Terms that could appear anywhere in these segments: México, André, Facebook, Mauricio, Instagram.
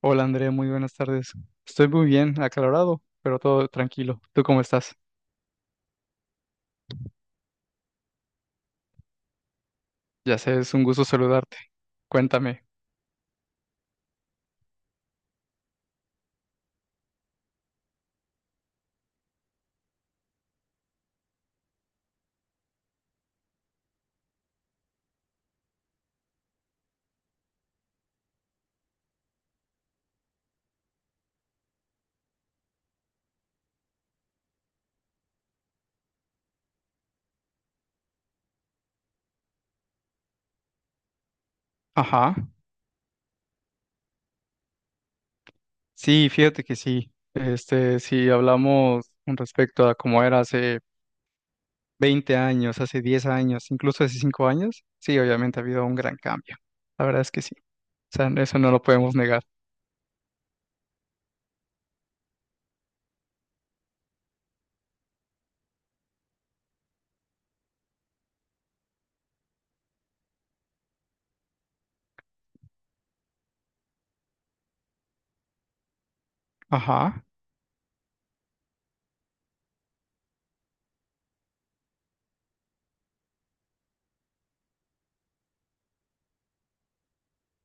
Hola Andrea, muy buenas tardes. Estoy muy bien, aclarado, pero todo tranquilo. ¿Tú cómo estás? Ya sé, es un gusto saludarte. Cuéntame. Ajá. Sí, fíjate que sí. Este, si hablamos con respecto a cómo era hace 20 años, hace 10 años, incluso hace 5 años, sí, obviamente ha habido un gran cambio. La verdad es que sí. O sea, eso no lo podemos negar. Ajá.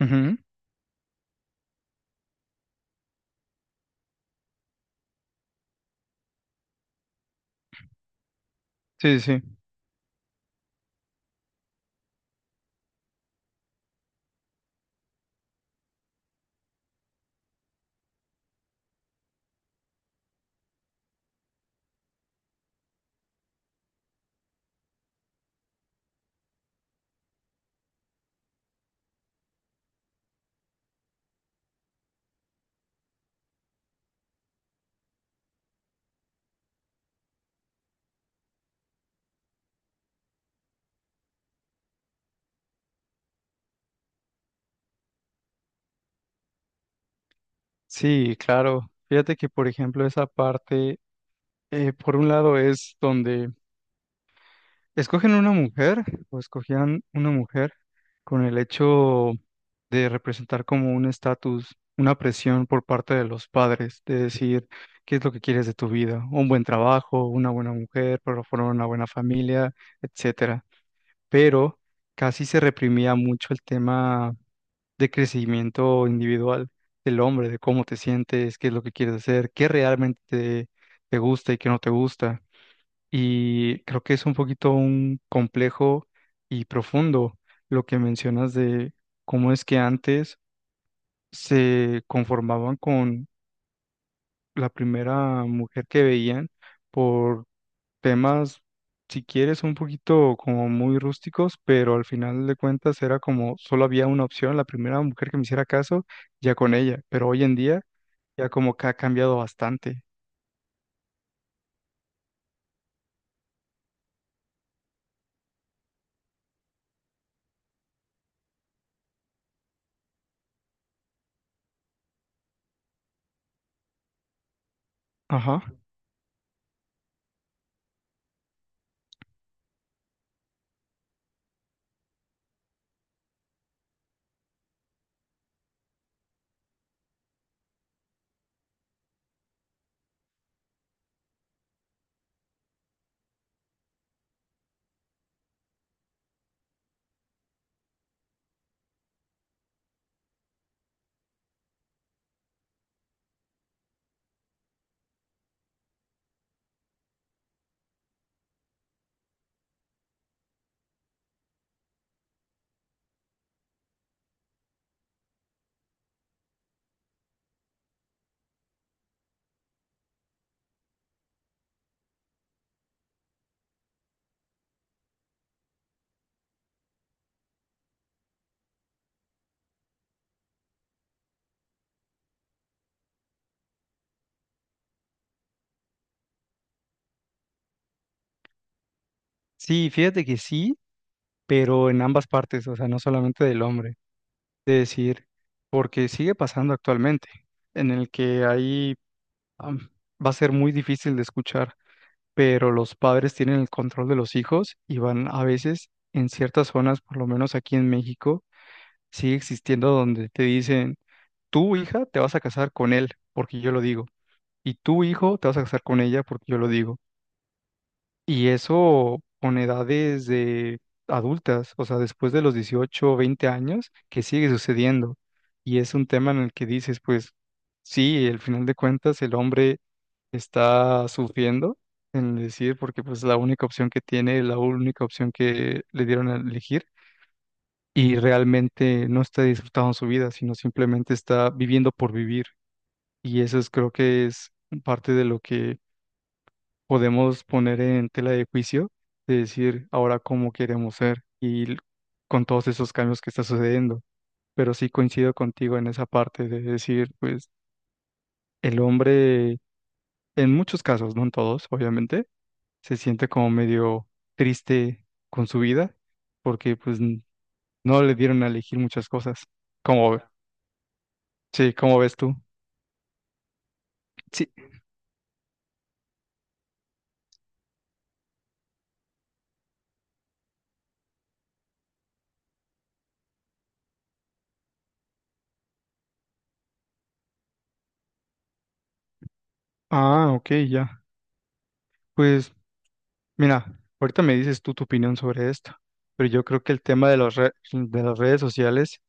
Ujú. Sí, sí. Sí, sí, claro. Fíjate que, por ejemplo, esa parte, por un lado es donde ¿escogen una mujer o escogían una mujer con el hecho de representar como un estatus, una presión por parte de los padres, de decir qué es lo que quieres de tu vida, un buen trabajo, una buena mujer, pero formar una buena familia, etcétera? Pero casi se reprimía mucho el tema de crecimiento individual del hombre, de cómo te sientes, qué es lo que quieres hacer, qué realmente te, te gusta y qué no te gusta. Y creo que es un poquito un complejo y profundo lo que mencionas de cómo es que antes se conformaban con la primera mujer que veían por temas, si quieres, un poquito como muy rústicos, pero al final de cuentas era como solo había una opción, la primera mujer que me hiciera caso, ya con ella. Pero hoy en día ya como que ha cambiado bastante. Ajá. Sí, fíjate que sí, pero en ambas partes, o sea, no solamente del hombre. De decir, porque sigue pasando actualmente, en el que ahí am, va a ser muy difícil de escuchar, pero los padres tienen el control de los hijos y van a veces en ciertas zonas, por lo menos aquí en México, sigue existiendo donde te dicen, tu hija te vas a casar con él porque yo lo digo, y tu hijo te vas a casar con ella porque yo lo digo. Y eso con edades de adultas, o sea, después de los 18 o 20 años, que sigue sucediendo. Y es un tema en el que dices, pues sí, al final de cuentas el hombre está sufriendo en decir, porque pues la única opción que tiene, la única opción que le dieron a elegir, y realmente no está disfrutando su vida, sino simplemente está viviendo por vivir. Y eso es, creo que es parte de lo que podemos poner en tela de juicio de decir ahora cómo queremos ser y con todos esos cambios que está sucediendo. Pero sí coincido contigo en esa parte de decir, pues el hombre, en muchos casos, no en todos, obviamente, se siente como medio triste con su vida porque pues no le dieron a elegir muchas cosas. Como, sí, ¿cómo ves tú? Sí. Ok, ya. Pues mira, ahorita me dices tú tu opinión sobre esto, pero yo creo que el tema de las de las redes sociales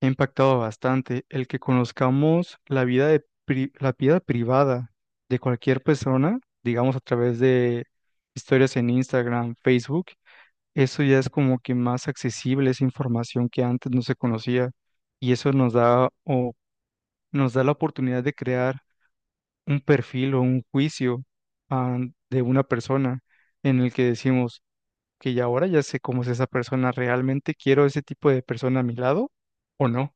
ha impactado bastante. El que conozcamos la vida de la vida privada de cualquier persona, digamos a través de historias en Instagram, Facebook, eso ya es como que más accesible, esa información que antes no se conocía y eso nos da o nos da la oportunidad de crear un perfil o un juicio ah, de una persona en el que decimos que ya ahora ya sé cómo es esa persona. ¿Realmente quiero ese tipo de persona a mi lado o no?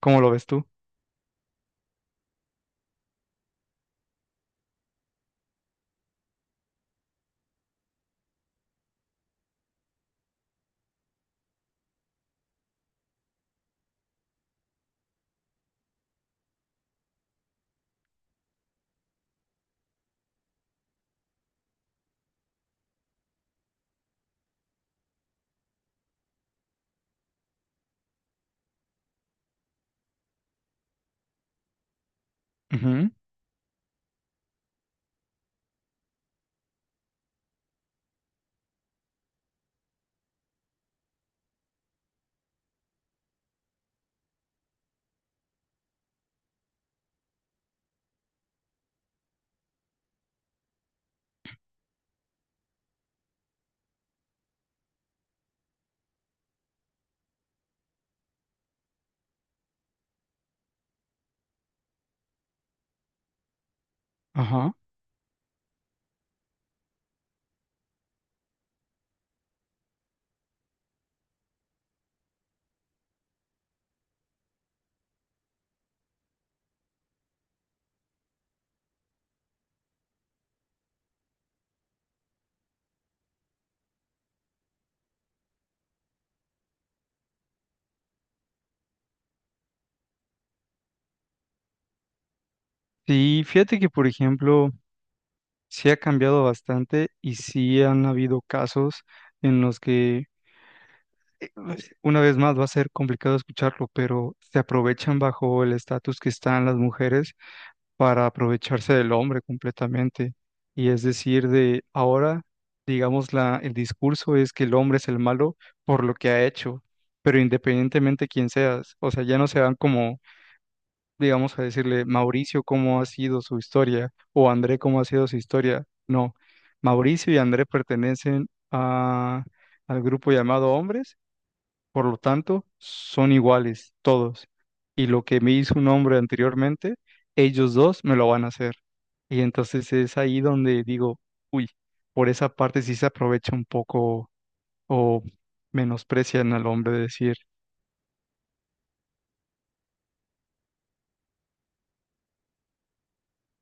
¿Cómo lo ves tú? Ujú. Ajá. Sí, fíjate que, por ejemplo, sí ha cambiado bastante y sí han habido casos en los que, eh, una vez más, va a ser complicado escucharlo, pero se aprovechan bajo el estatus que están las mujeres para aprovecharse del hombre completamente. Y es decir, de ahora, digamos, la, el discurso es que el hombre es el malo por lo que ha hecho, pero independientemente quién seas, o sea, ya no se van como, digamos, a decirle, Mauricio, cómo ha sido su historia, o André, cómo ha sido su historia. No, Mauricio y André pertenecen a, al grupo llamado hombres, por lo tanto, son iguales todos. Y lo que me hizo un hombre anteriormente, ellos dos me lo van a hacer. Y entonces es ahí donde digo, uy, por esa parte sí se aprovecha un poco o menosprecian al hombre de decir,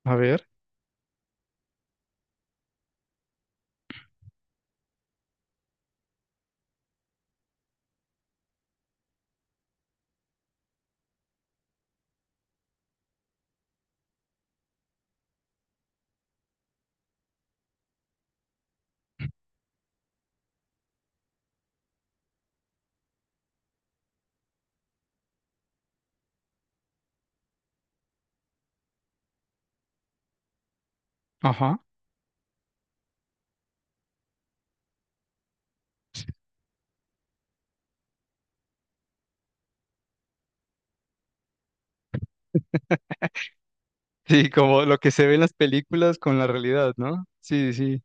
a ver, ajá. Sí, como lo que se ve en las películas con la realidad, ¿no? Sí, sí.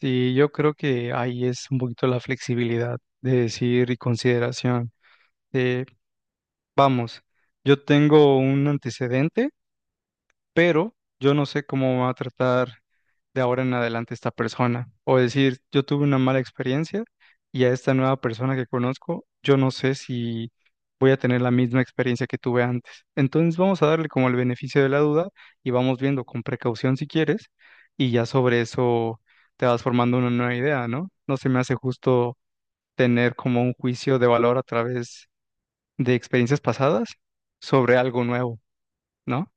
Sí, yo creo que ahí es un poquito la flexibilidad de decir y consideración. De, vamos, yo tengo un antecedente pero yo no sé cómo va a tratar de ahora en adelante esta persona. O decir, yo tuve una mala experiencia y a esta nueva persona que conozco, yo no sé si voy a tener la misma experiencia que tuve antes. Entonces vamos a darle como el beneficio de la duda y vamos viendo con precaución si quieres y ya sobre eso te vas formando una nueva idea, ¿no? No se me hace justo tener como un juicio de valor a través de experiencias pasadas sobre algo nuevo, ¿no?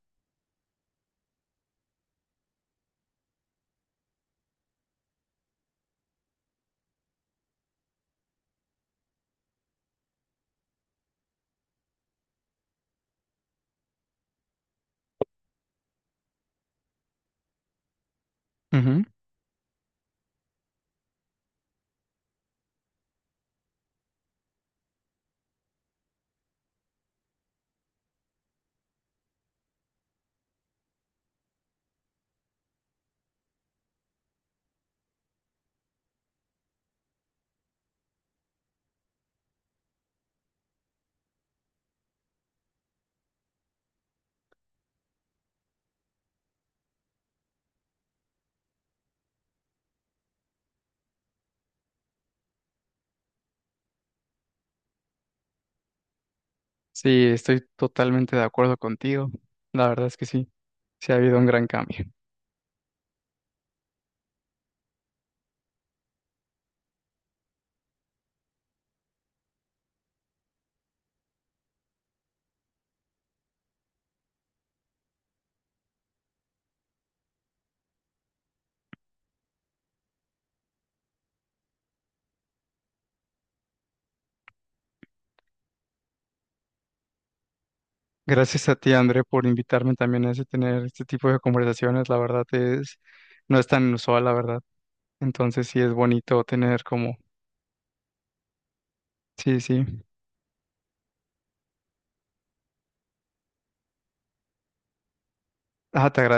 Sí, estoy totalmente de acuerdo contigo. La verdad es que sí, sí ha habido un gran cambio. Gracias a ti, André, por invitarme también a tener este tipo de conversaciones. La verdad es, no es tan inusual, la verdad. Entonces sí es bonito tener como, sí, sí. Ah, te agradezco.